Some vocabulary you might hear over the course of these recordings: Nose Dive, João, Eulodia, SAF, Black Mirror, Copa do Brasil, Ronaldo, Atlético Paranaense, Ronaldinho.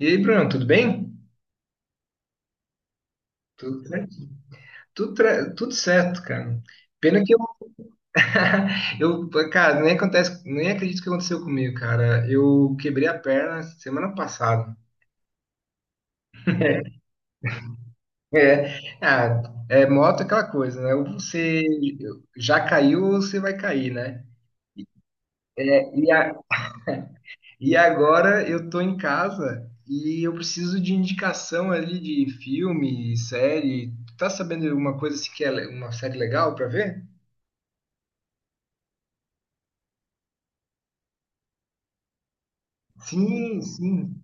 E aí, Bruno, tudo bem? Tudo, tra- tudo certo, cara. Pena que eu, cara, nem acontece, nem acredito que aconteceu comigo, cara. Eu quebrei a perna semana passada. É, ah, é moto é aquela coisa, né? Ou você já caiu ou você vai cair, né? E, a- e agora eu tô em casa e eu preciso de indicação ali de filme, série. Tá sabendo alguma coisa assim que é uma série legal pra ver? Sim, sim.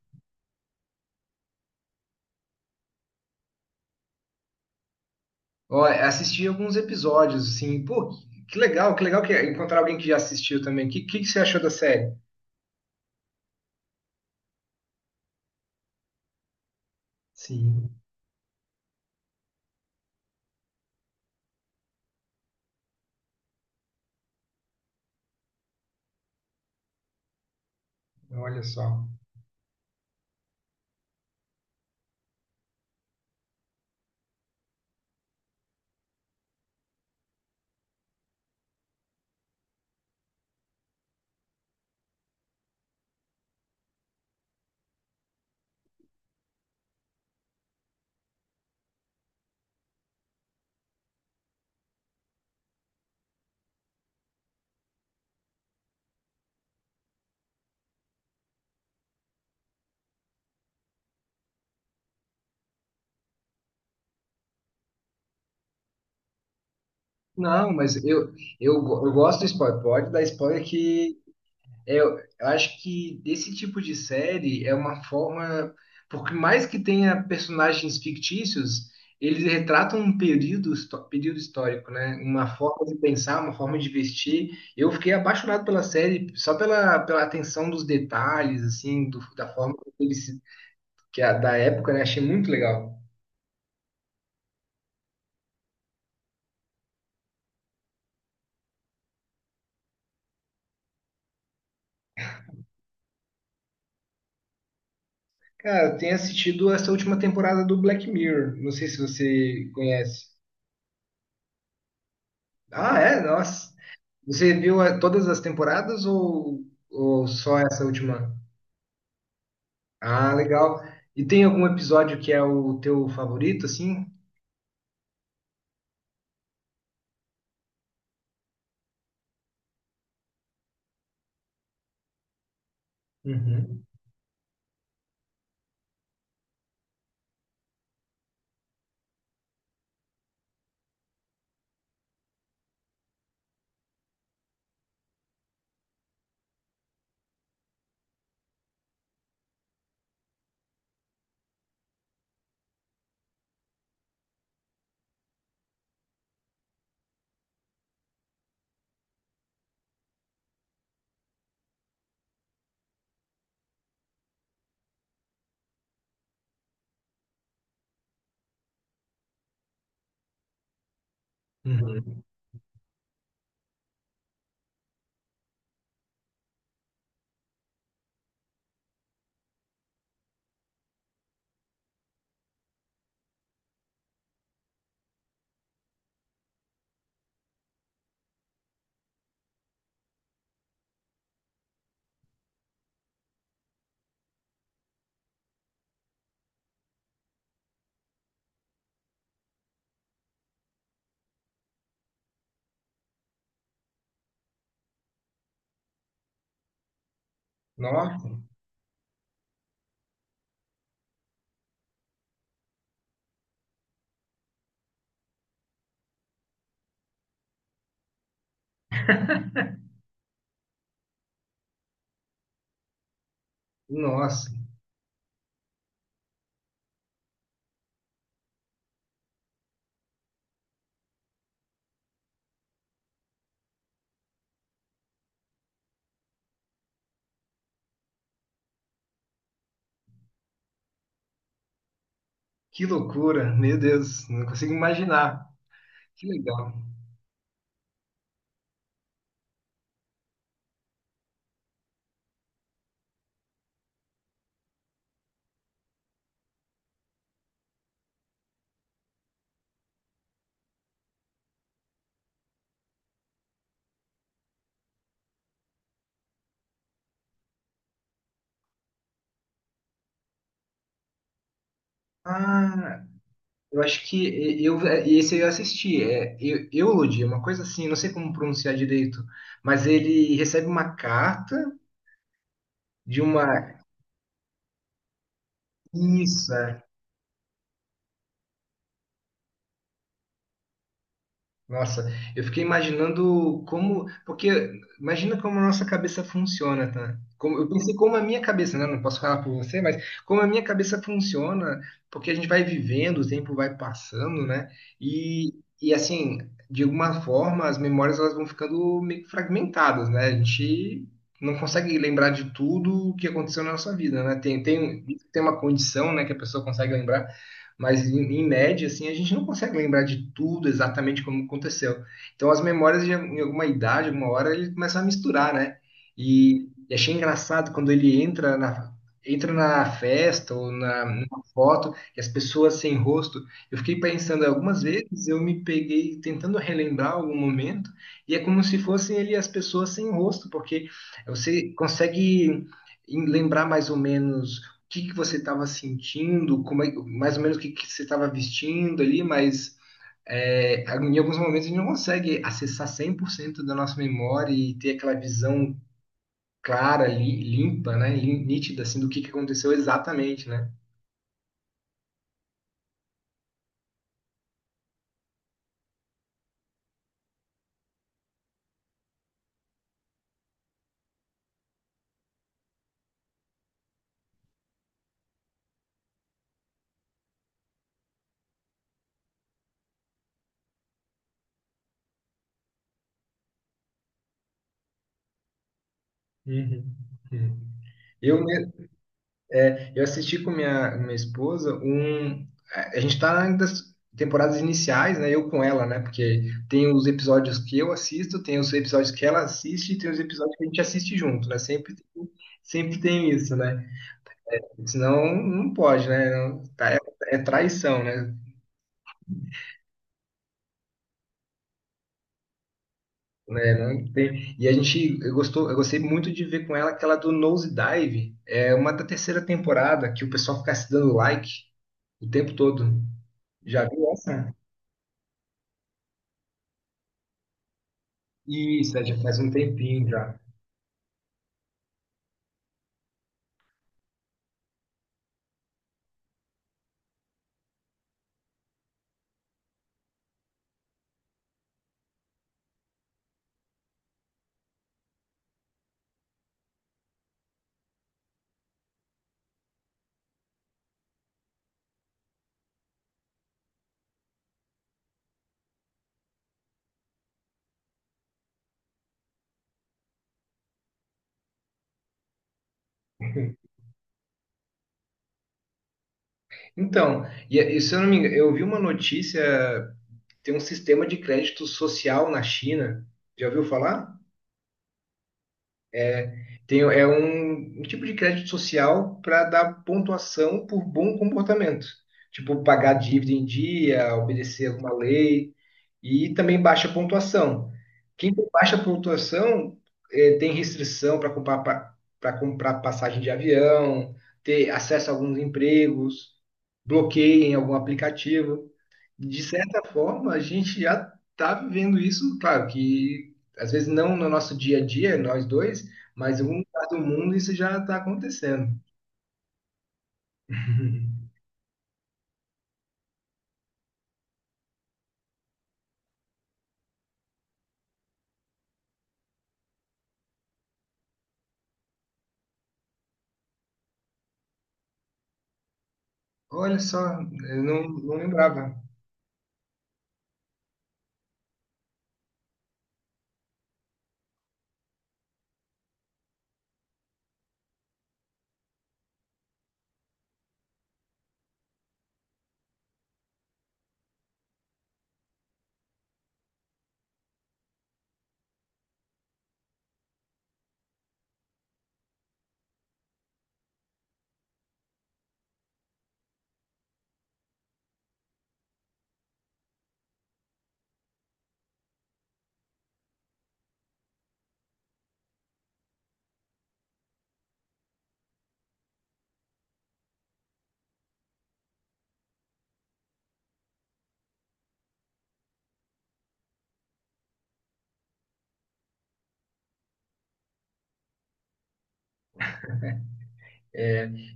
Ó, assisti alguns episódios, assim, pô, que legal, que legal que é encontrar alguém que já assistiu também. O que você achou da série? Sim, olha só. Não, mas eu gosto do spoiler. Pode dar spoiler que é. Eu acho que esse tipo de série é uma forma, porque mais que tenha personagens fictícios, eles retratam um período histórico, né? Uma forma de pensar, uma forma de vestir. Eu fiquei apaixonado pela série só pela atenção dos detalhes, assim, da forma que eles, se- que da época, né? Achei muito legal. Cara, eu tenho assistido essa última temporada do Black Mirror. Não sei se você conhece. Ah, é? Nossa. Você viu todas as temporadas ou só essa última? Ah, legal. E tem algum episódio que é o teu favorito, assim? Uhum. Uhum. Nossa, nossa, que loucura, meu Deus, não consigo imaginar. Que legal. Ah, eu acho que esse eu assisti, é Eulodia, uma coisa assim, não sei como pronunciar direito, mas ele recebe uma carta de uma. Isso, é, nossa, eu fiquei imaginando como, porque imagina como a nossa cabeça funciona, tá? Como, eu pensei como a minha cabeça, né? Não posso falar por você, mas como a minha cabeça funciona, porque a gente vai vivendo, o tempo vai passando, né? E, e assim, de alguma forma, as memórias elas vão ficando meio que fragmentadas, né? A gente não consegue lembrar de tudo o que aconteceu na nossa vida, né? Tem uma condição, né, que a pessoa consegue lembrar mas em média, assim, a gente não consegue lembrar de tudo exatamente como aconteceu. Então, as memórias, de, em alguma idade, alguma hora, ele começa a misturar, né? E achei engraçado quando ele entra na festa ou numa foto e as pessoas sem rosto. Eu fiquei pensando algumas vezes, eu me peguei tentando relembrar algum momento e é como se fossem ele e as pessoas sem rosto, porque você consegue lembrar mais ou menos que você estava sentindo, mais ou menos que você estava vestindo ali, mas é, em alguns momentos a gente não consegue acessar 100% da nossa memória e ter aquela visão limpa, né, nítida, assim, do que aconteceu exatamente, né? Uhum. Hum. Eu, né, Eu assisti com minha esposa um. A gente tá nas temporadas iniciais, né? Eu com ela, né? Porque tem os episódios que eu assisto, tem os episódios que ela assiste e tem os episódios que a gente assiste junto, né? Sempre tem isso, né? Senão não pode, né? É traição, né? Né, não tem- E a gente eu gostou, eu gostei muito de ver com ela aquela do Nose Dive, é uma da terceira temporada que o pessoal fica se dando like o tempo todo. Já viu essa? Isso, é, já faz um tempinho já. Então, e, e se eu não me engano, eu vi uma notícia, tem um sistema de crédito social na China. Já ouviu falar? Tem, é um tipo de crédito social para dar pontuação por bom comportamento. Tipo, pagar dívida em dia, obedecer alguma lei e também baixa pontuação. Quem tem baixa pontuação tem restrição para comprar passagem de avião, ter acesso a alguns empregos, bloqueio em algum aplicativo. De certa forma, a gente já está vivendo isso, claro que às vezes não no nosso dia a dia, nós dois, mas em algum lugar do mundo isso já está acontecendo. Olha só, eu não lembrava.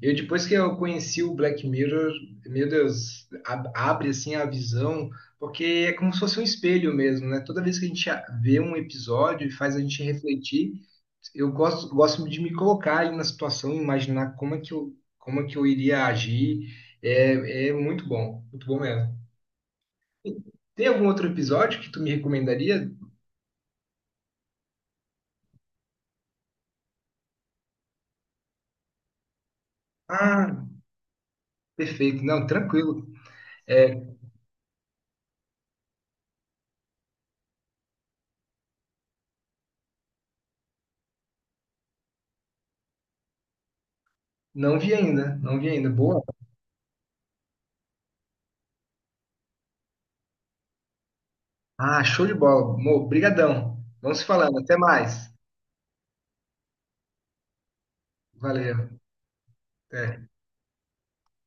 Eu depois que eu conheci o Black Mirror, meu Deus, abre assim a visão, porque é como se fosse um espelho mesmo, né? Toda vez que a gente vê um episódio e faz a gente refletir, eu gosto, gosto de me colocar ali na situação, imaginar como é que eu, como é que eu iria agir. É, é muito bom mesmo. Tem algum outro episódio que tu me recomendaria? Ah, perfeito. Não, tranquilo. É, não vi ainda, não vi ainda. Boa. Ah, show de bola. Mo, brigadão. Vamos se falando. Até mais. Valeu. Até.